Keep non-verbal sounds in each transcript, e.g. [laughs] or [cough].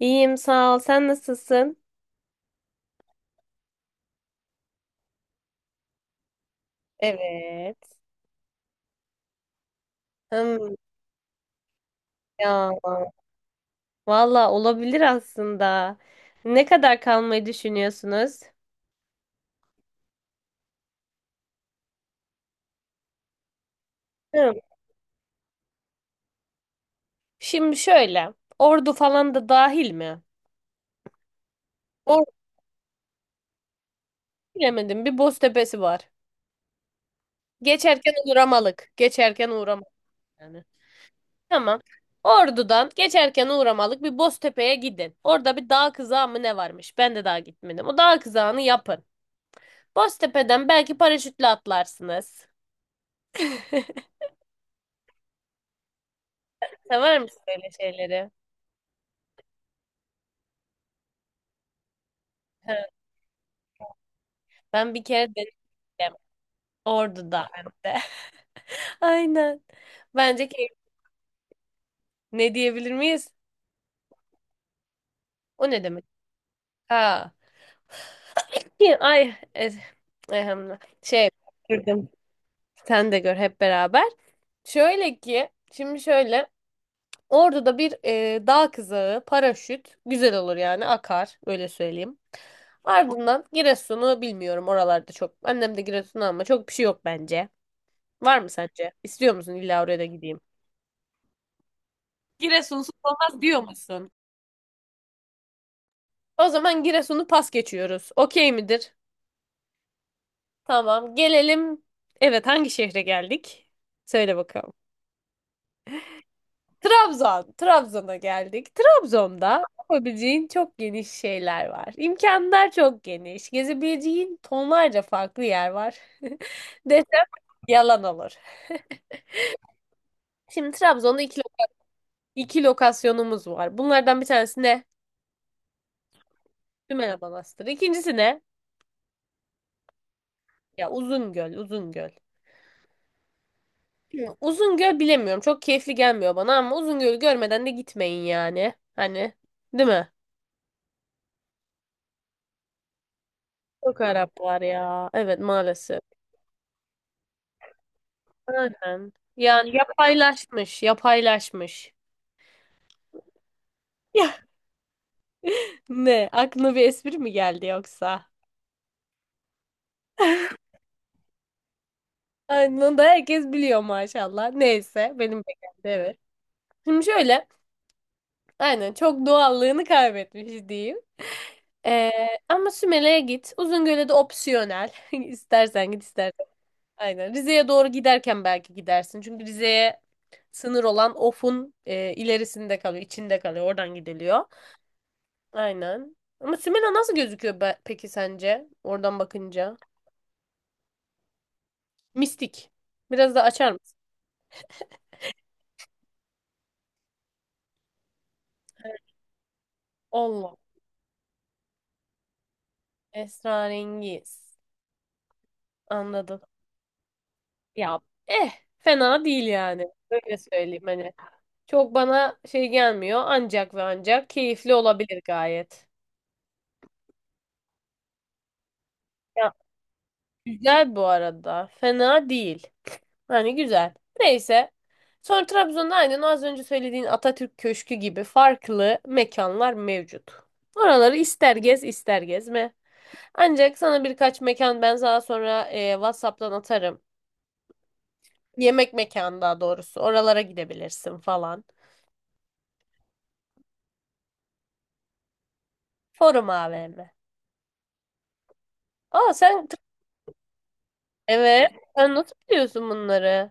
İyiyim sağ ol. Sen nasılsın? Evet. Hmm, ya valla olabilir aslında. Ne kadar kalmayı düşünüyorsunuz? Hmm, Şimdi şöyle. Ordu falan da dahil mi? Ordu bilemedim. Bir Boztepe'si var. Geçerken uğramalık. Geçerken uğramalık yani. Tamam. Ordu'dan geçerken uğramalık bir Boztepe'ye gidin. Orada bir dağ kızağı mı ne varmış? Ben de daha gitmedim. O dağ kızağını yapın. Boztepe'den belki paraşütle atlarsınız. [laughs] Sever misin öyle şeyleri? [laughs] Ben bir kere denedim. Ordu'da hem de. [laughs] Aynen. Bence keyif. Ne diyebilir miyiz? O ne demek? Ha. Ki- Ay. e- şey. Gördüm. Sen de gör hep beraber. Şöyle ki. Şimdi şöyle. Ordu'da bir dağ kızağı, paraşüt. Güzel olur yani. Akar. Öyle söyleyeyim. Ardından Giresun'u bilmiyorum. Oralarda çok. Annem de Giresun'u ama çok bir şey yok bence. Var mı sence? İstiyor musun illa oraya da gideyim? Giresunsuz olmaz diyor musun? O zaman Giresun'u pas geçiyoruz. Okey midir? Tamam. Gelelim. Evet, hangi şehre geldik? Söyle bakalım. Trabzon. Trabzon'a geldik. Trabzon'da yapabileceğin çok geniş şeyler var. İmkanlar çok geniş. Gezebileceğin tonlarca farklı yer var. [laughs] Desem yalan olur. Şimdi Trabzon'da iki lokasyonumuz var. Bunlardan bir tanesi ne? Sümele Manastırı. İkincisi ne? Ya Uzungöl. Hı, Uzungöl bilemiyorum. Çok keyifli gelmiyor bana ama Uzungöl'ü görmeden de gitmeyin yani. Hani değil mi? Çok Arap var ya. Evet maalesef. Aynen. Yani yapaylaşmış. Ya ne? Aklına bir espri mi geldi yoksa? Aynen onu da herkes biliyor maşallah. Neyse benim de geldi evet. Şimdi şöyle. Aynen çok doğallığını kaybetmiş diyeyim. Ee, ama Sümele'ye git. Uzungöl'e de opsiyonel. [laughs] İstersen git istersen. Aynen. Rize'ye doğru giderken belki gidersin. Çünkü Rize'ye sınır olan Of'un ilerisinde kalıyor, içinde kalıyor. Oradan gidiliyor. Aynen. Ama Simena nasıl gözüküyor peki sence? Oradan bakınca. Mistik. Biraz da açar mısın? Allah. Esrarengiz. Anladım. Ya eh fena değil yani. Öyle söyleyeyim hani. Çok bana şey gelmiyor. Ancak ve ancak keyifli olabilir gayet. Ya güzel bu arada. Fena değil. Yani güzel. Neyse. Sonra Trabzon'da aynen az önce söylediğin Atatürk Köşkü gibi farklı mekanlar mevcut. Oraları ister gez ister gezme. Ancak sana birkaç mekan ben daha sonra WhatsApp'tan atarım. Yemek mekanı daha doğrusu. Oralara gidebilirsin falan. Forum AVM. Aa sen evet. Sen nasıl biliyorsun bunları?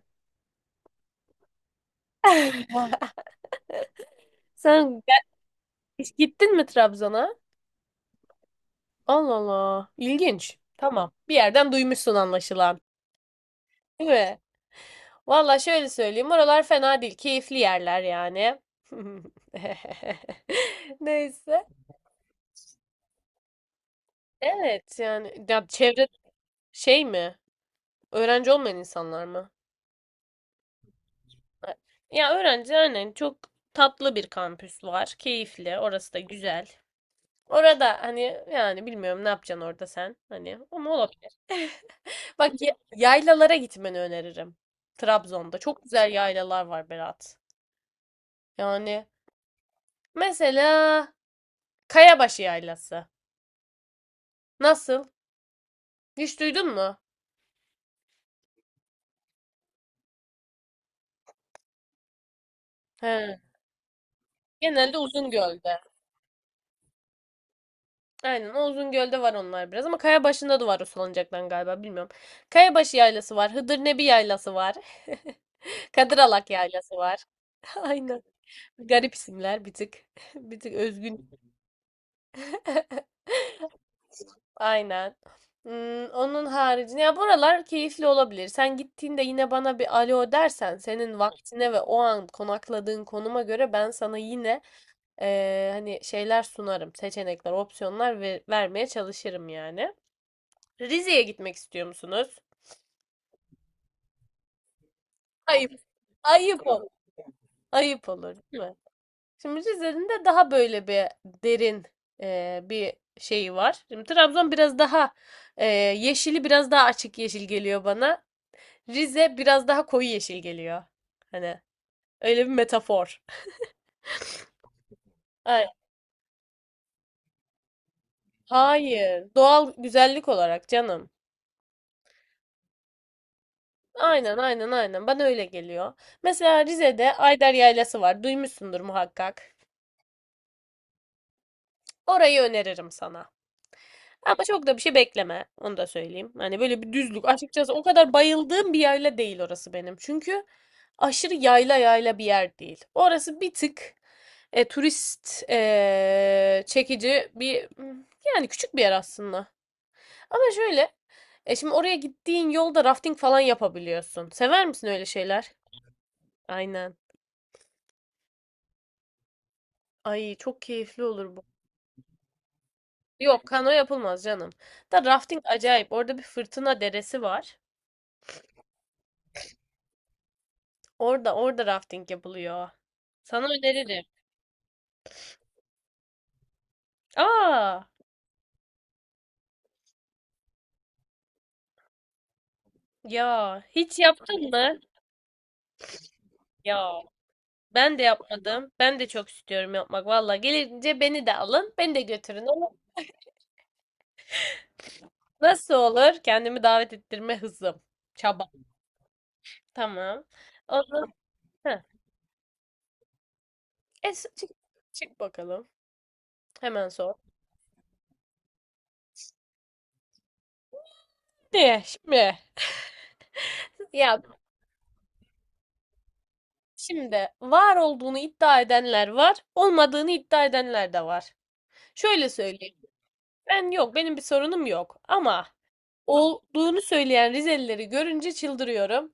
[laughs] Sen hiç gittin mi Trabzon'a? Allah Allah. İlginç. Tamam. Bir yerden duymuşsun anlaşılan. Değil mi? Valla şöyle söyleyeyim. Oralar fena değil. Keyifli yerler yani. [laughs] Neyse. Evet yani. Ya çevre şey mi? Öğrenci olmayan insanlar mı? Ya öğrenci aynen çok tatlı bir kampüs var. Keyifli. Orası da güzel. Orada hani yani bilmiyorum ne yapacaksın orada sen. Hani ama olabilir. Bak yaylalara gitmeni öneririm. Trabzon'da. Çok güzel yaylalar var Berat. Yani mesela Kayabaşı Yaylası. Nasıl? Hiç duydun mu? He. Genelde Uzungöl'de. Aynen o Uzungöl'de var onlar biraz ama Kayabaşı'nda da var o salıncaktan galiba bilmiyorum. Kayabaşı yaylası var. Hıdırnebi yaylası var. [laughs] Kadıralak yaylası var. [laughs] Aynen. Garip isimler bir tık. [laughs] Bir tık özgün. [laughs] Aynen. Onun haricinde ya buralar keyifli olabilir. Sen gittiğinde yine bana bir alo dersen senin vaktine ve o an konakladığın konuma göre ben sana yine hani şeyler sunarım, seçenekler, opsiyonlar ve vermeye çalışırım yani. Rize'ye gitmek istiyor musunuz? Ayıp. Ayıp olur. Ayıp olur, değil mi? Şimdi Rize'nin de daha böyle bir derin bir şeyi var. Şimdi Trabzon biraz daha eee, yeşili biraz daha açık yeşil geliyor bana. Rize biraz daha koyu yeşil geliyor. Hani öyle bir metafor. Ay, hayır. Doğal güzellik olarak canım. Aynen. Bana öyle geliyor. Mesela Rize'de Ayder Yaylası var. Duymuşsundur muhakkak. Orayı öneririm sana. Ama çok da bir şey bekleme. Onu da söyleyeyim. Hani böyle bir düzlük. Açıkçası o kadar bayıldığım bir yayla değil orası benim. Çünkü aşırı yayla yayla bir yer değil. Orası bir tık turist çekici bir yani küçük bir yer aslında. Ama şöyle şimdi oraya gittiğin yolda rafting falan yapabiliyorsun. Sever misin öyle şeyler? Aynen. Ay çok keyifli olur bu. Yok kano yapılmaz canım. Da rafting acayip. Orada bir fırtına deresi var. Orada rafting yapılıyor. Sana öneririm. Aa ya hiç yaptın mı? Ya ben de yapmadım. Ben de çok istiyorum yapmak. Valla gelince beni de alın. Beni de götürün. Ama nasıl olur? Kendimi davet ettirme hızım. Çaba. Tamam. O zaman heh. E, s- çık, çık bakalım. Hemen sor. Ne şimdi? Ya şimdi var olduğunu iddia edenler var, olmadığını iddia edenler de var. Şöyle söyleyeyim. Ben yok, benim bir sorunum yok. Ama olduğunu söyleyen Rizelileri görünce çıldırıyorum.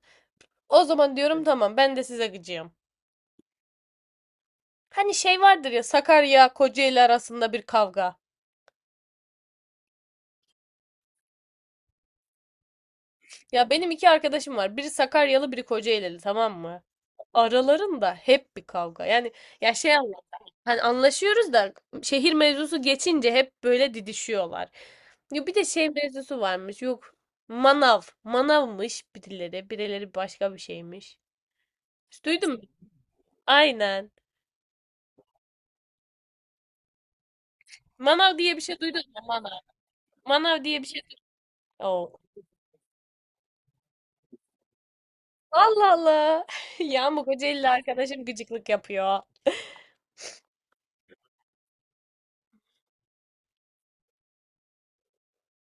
O zaman diyorum tamam ben de size gıcığım. Hani şey vardır ya Sakarya Kocaeli arasında bir kavga. Ya benim iki arkadaşım var. Biri Sakaryalı, biri Kocaelili, tamam mı? Aralarında hep bir kavga. Yani ya şey anlat. Hani anlaşıyoruz da şehir mevzusu geçince hep böyle didişiyorlar. Ya bir de şey mevzusu varmış. Yok. Manav. Manavmış birileri. Birileri başka bir şeymiş. Duydun mu? Aynen. Manav diye bir şey duydun mu? Manav. Manav diye bir şey duydun mu? Oo. Allah Allah. [laughs] Ya bu Kocaelili arkadaşım gıcıklık yapıyor.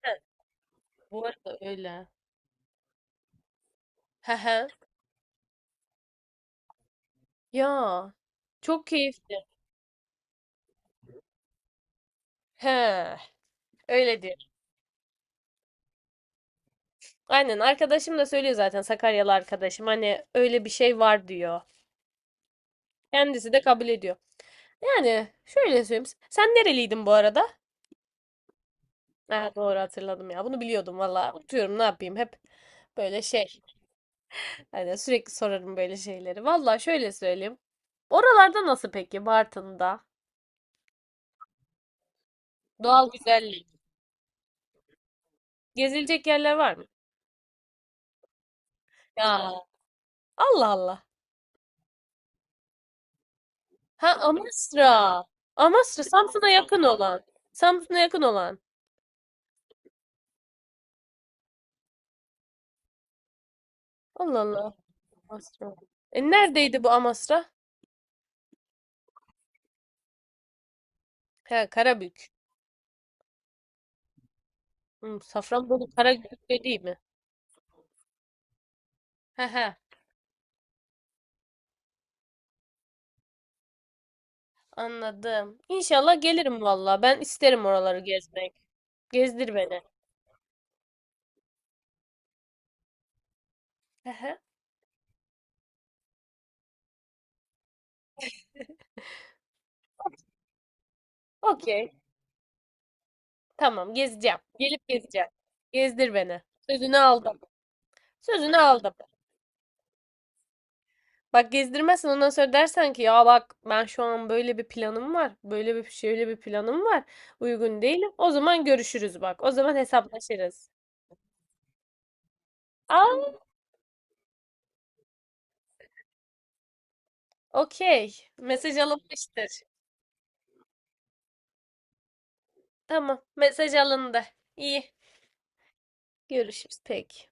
Ha, bu arada öyle. [laughs] Ya çok keyifli. He, öyle diyor. Aynen arkadaşım da söylüyor zaten Sakaryalı arkadaşım hani öyle bir şey var diyor. Kendisi de kabul ediyor. Yani şöyle söyleyeyim. Sen nereliydin bu arada? Ha, doğru hatırladım ya. Bunu biliyordum valla. Unutuyorum ne yapayım hep böyle şey. Hani sürekli sorarım böyle şeyleri. Valla şöyle söyleyeyim. Oralarda nasıl peki Bartın'da? Doğal güzellik. Gezilecek yerler var mı? Ya Allah Allah. Ha Amasra. Amasra Samsun'a yakın olan. Samsun'a yakın olan. Allah Allah. Amasra. E neredeydi bu Amasra? He Karabük. Safranbolu Karabük de değil mi? He he anladım. İnşallah gelirim valla. Ben isterim oraları gezmek. Gezdir beni. He he. Okey. Tamam gezeceğim. Gelip gezeceğim. Gezdir beni. Sözünü aldım. Sözünü aldım. Bak gezdirmezsen ondan sonra dersen ki ya bak ben şu an böyle bir planım var. Böyle bir şöyle bir planım var. Uygun değilim. O zaman görüşürüz bak. O zaman hesaplaşırız. Aa, okey. Mesaj alınmıştır. Tamam, mesaj alındı. İyi. Görüşürüz peki.